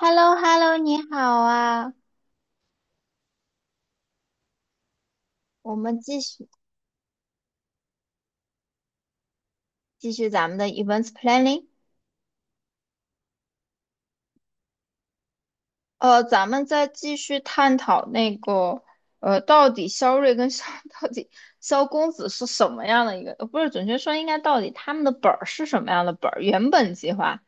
h e l l o h e l l o 你好啊，我们继续咱们的 events planning。咱们再继续探讨那个，到底肖瑞跟肖 到底萧公子是什么样的一个，不是，准确说应该到底他们的本儿是什么样的本儿？原本计划，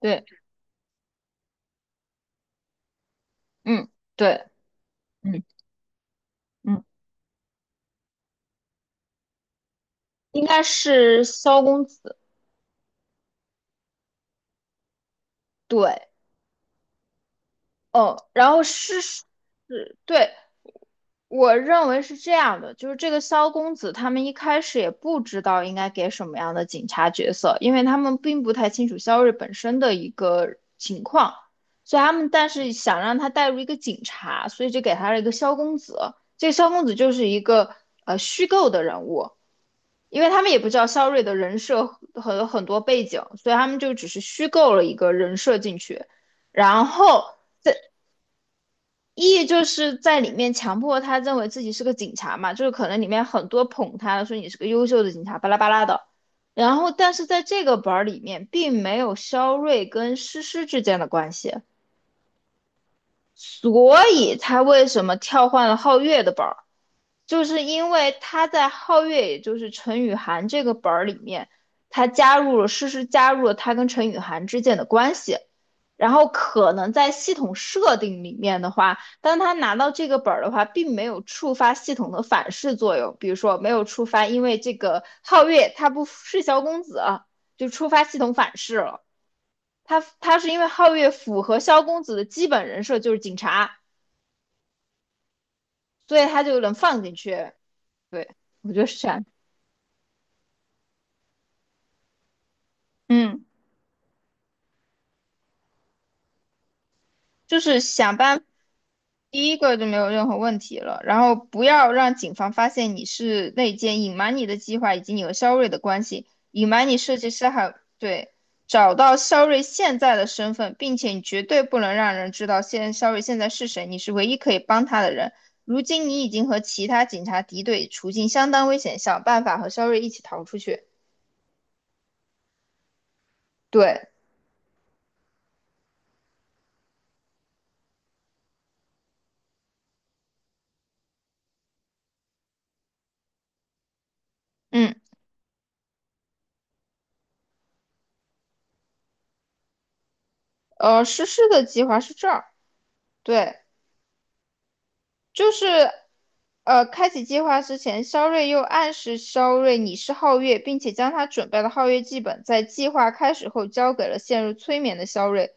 对。嗯。对。嗯嗯，应该是萧公子。对。哦，然后是，对。我认为是这样的，就是这个萧公子他们一开始也不知道应该给什么样的警察角色，因为他们并不太清楚萧睿本身的一个情况，所以他们但是想让他带入一个警察，所以就给他了一个萧公子。这个萧公子就是一个虚构的人物，因为他们也不知道萧睿的人设和很多背景，所以他们就只是虚构了一个人设进去，然后 E 就是在里面强迫他认为自己是个警察嘛，就是可能里面很多捧他的，说你是个优秀的警察，巴拉巴拉的。然后，但是在这个本儿里面，并没有肖瑞跟诗诗之间的关系，所以他为什么跳换了皓月的本儿？就是因为他在皓月，也就是陈雨涵这个本儿里面，他加入了诗诗加入了他跟陈雨涵之间的关系，然后可能在系统设定里面的话，当他拿到这个本儿的话，并没有触发系统的反噬作用，比如说没有触发，因为这个皓月他不是萧公子，就触发系统反噬了。他是因为皓月符合萧公子的基本人设就是警察，所以他就能放进去。对，我觉得是这样。嗯。就是想办法第一个就没有任何问题了，然后不要让警方发现你是内奸，隐瞒你的计划以及你和肖瑞的关系，隐瞒你设计师还有对，找到肖瑞现在的身份，并且你绝对不能让人知道现肖瑞现在是谁，你是唯一可以帮他的人。如今你已经和其他警察敌对，处境相当危险，想办法和肖瑞一起逃出去。对。嗯。实施的计划是这儿，对。就是开启计划之前，肖瑞又暗示肖瑞你是皓月，并且将他准备的皓月剧本在计划开始后交给了陷入催眠的肖瑞。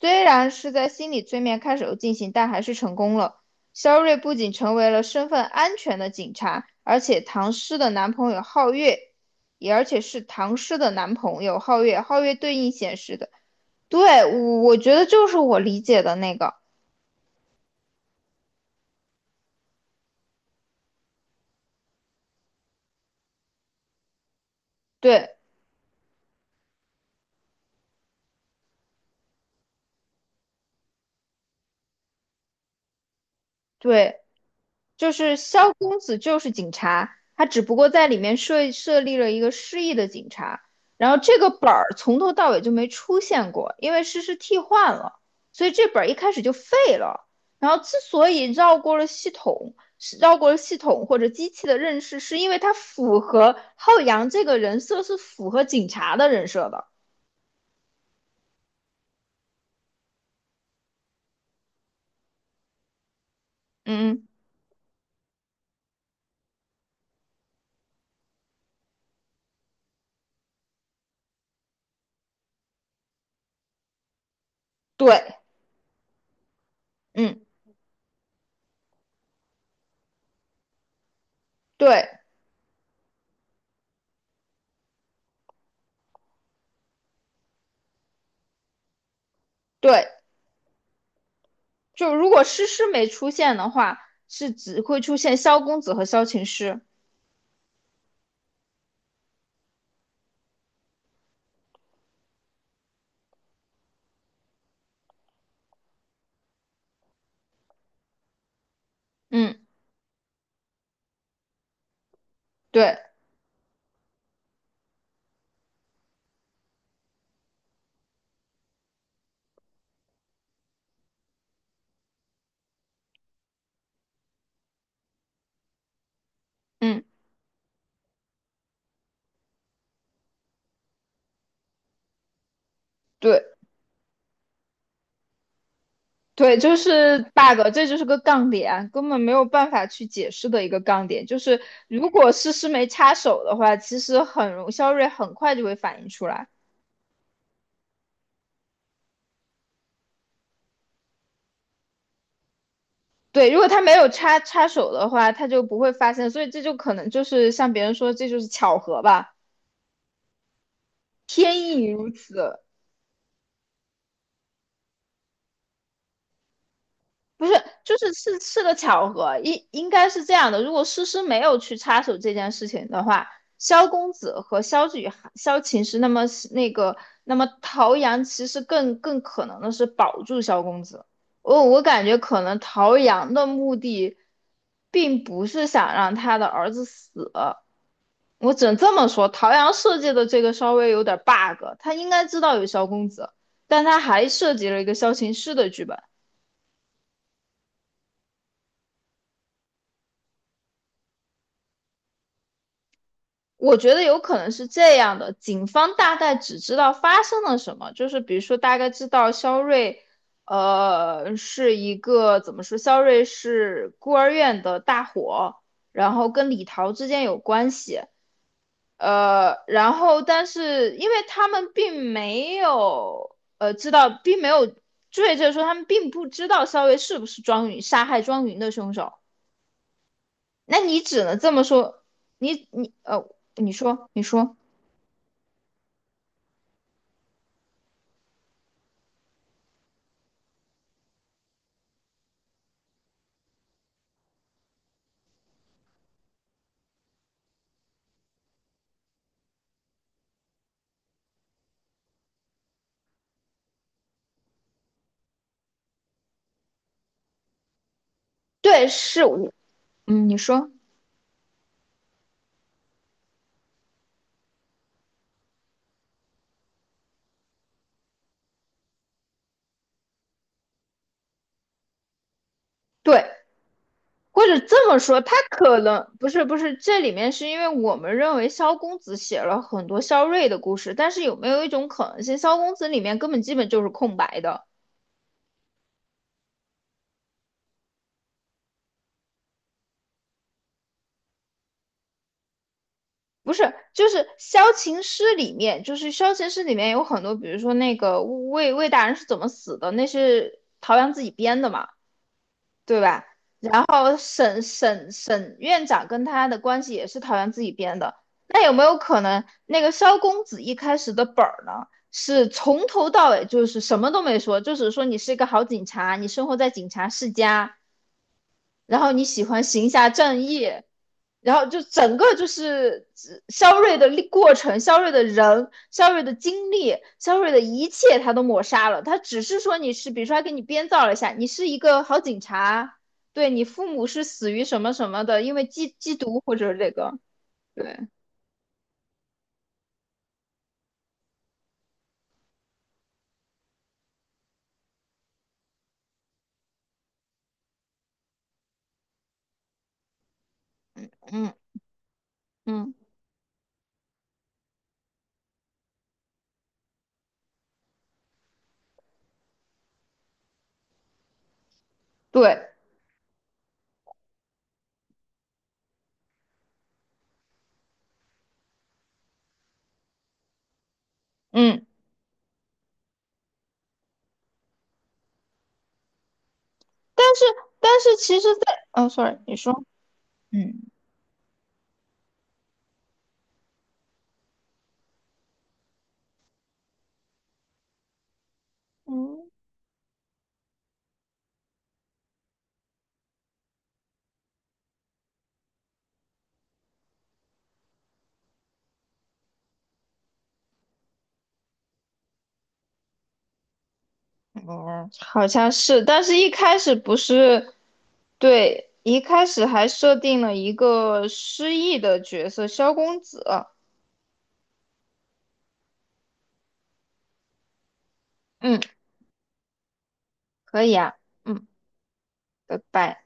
虽然是在心理催眠开始后进行，但还是成功了。肖瑞不仅成为了身份安全的警察，而且唐诗的男朋友皓月，也而且是唐诗的男朋友皓月，皓月对应显示的。对，我觉得就是我理解的那个，对对。就是萧公子就是警察，他只不过在里面设立了一个失忆的警察，然后这个本儿从头到尾就没出现过，因为诗诗替换了，所以这本儿一开始就废了。然后之所以绕过了系统，是绕过了系统或者机器的认识，是因为它符合浩洋这个人设是符合警察的人设的。嗯。对。嗯。对。对，就如果诗诗没出现的话，是只会出现萧公子和萧晴师。嗯。对。嗯。对。对，就是 bug，这就是个杠点，根本没有办法去解释的一个杠点。就是如果诗诗没插手的话，其实很容肖瑞很快就会反应出来。对，如果他没有插手的话，他就不会发现，所以这就可能就是像别人说，这就是巧合吧，天意如此。不是，就是是个巧合，应该是这样的。如果诗诗没有去插手这件事情的话，萧公子和萧雨涵、萧琴诗，那么那个，那么陶阳其实更可能的是保住萧公子。我感觉可能陶阳的目的，并不是想让他的儿子死。我只能这么说，陶阳设计的这个稍微有点 bug，他应该知道有萧公子，但他还设计了一个萧琴诗的剧本。我觉得有可能是这样的，警方大概只知道发生了什么，就是比如说大概知道肖瑞，是一个怎么说，肖瑞是孤儿院的大火，然后跟李桃之间有关系，然后但是因为他们并没有，知道并没有追着说他们并不知道肖瑞是不是庄云杀害庄云的凶手，那你只能这么说，你你呃，你说你说。对，是。嗯，你说对，或者这么说，他可能不是，这里面是因为我们认为萧公子写了很多萧睿的故事，但是有没有一种可能性，萧公子里面根本基本就是空白的？不是，就是萧琴诗》里面，就是萧琴诗》里面有很多，比如说那个魏大人是怎么死的，那是陶阳自己编的嘛？对吧？然后沈院长跟他的关系也是陶园自己编的。那有没有可能，那个萧公子一开始的本儿呢，是从头到尾就是什么都没说，就只说你是一个好警察，你生活在警察世家，然后你喜欢行侠仗义，然后就整个就是肖瑞的过程、肖瑞的人、肖瑞的经历、肖瑞的一切，他都抹杀了。他只是说你是，比如说他给你编造了一下，你是一个好警察，对你父母是死于什么什么的，因为缉毒或者这个，对。嗯嗯。对。嗯。但是但是其实在，哦，sorry，你说，嗯嗯。哦，好像是，但是一开始不是，对，一开始还设定了一个失忆的角色萧公子。嗯，可以啊。嗯，拜拜。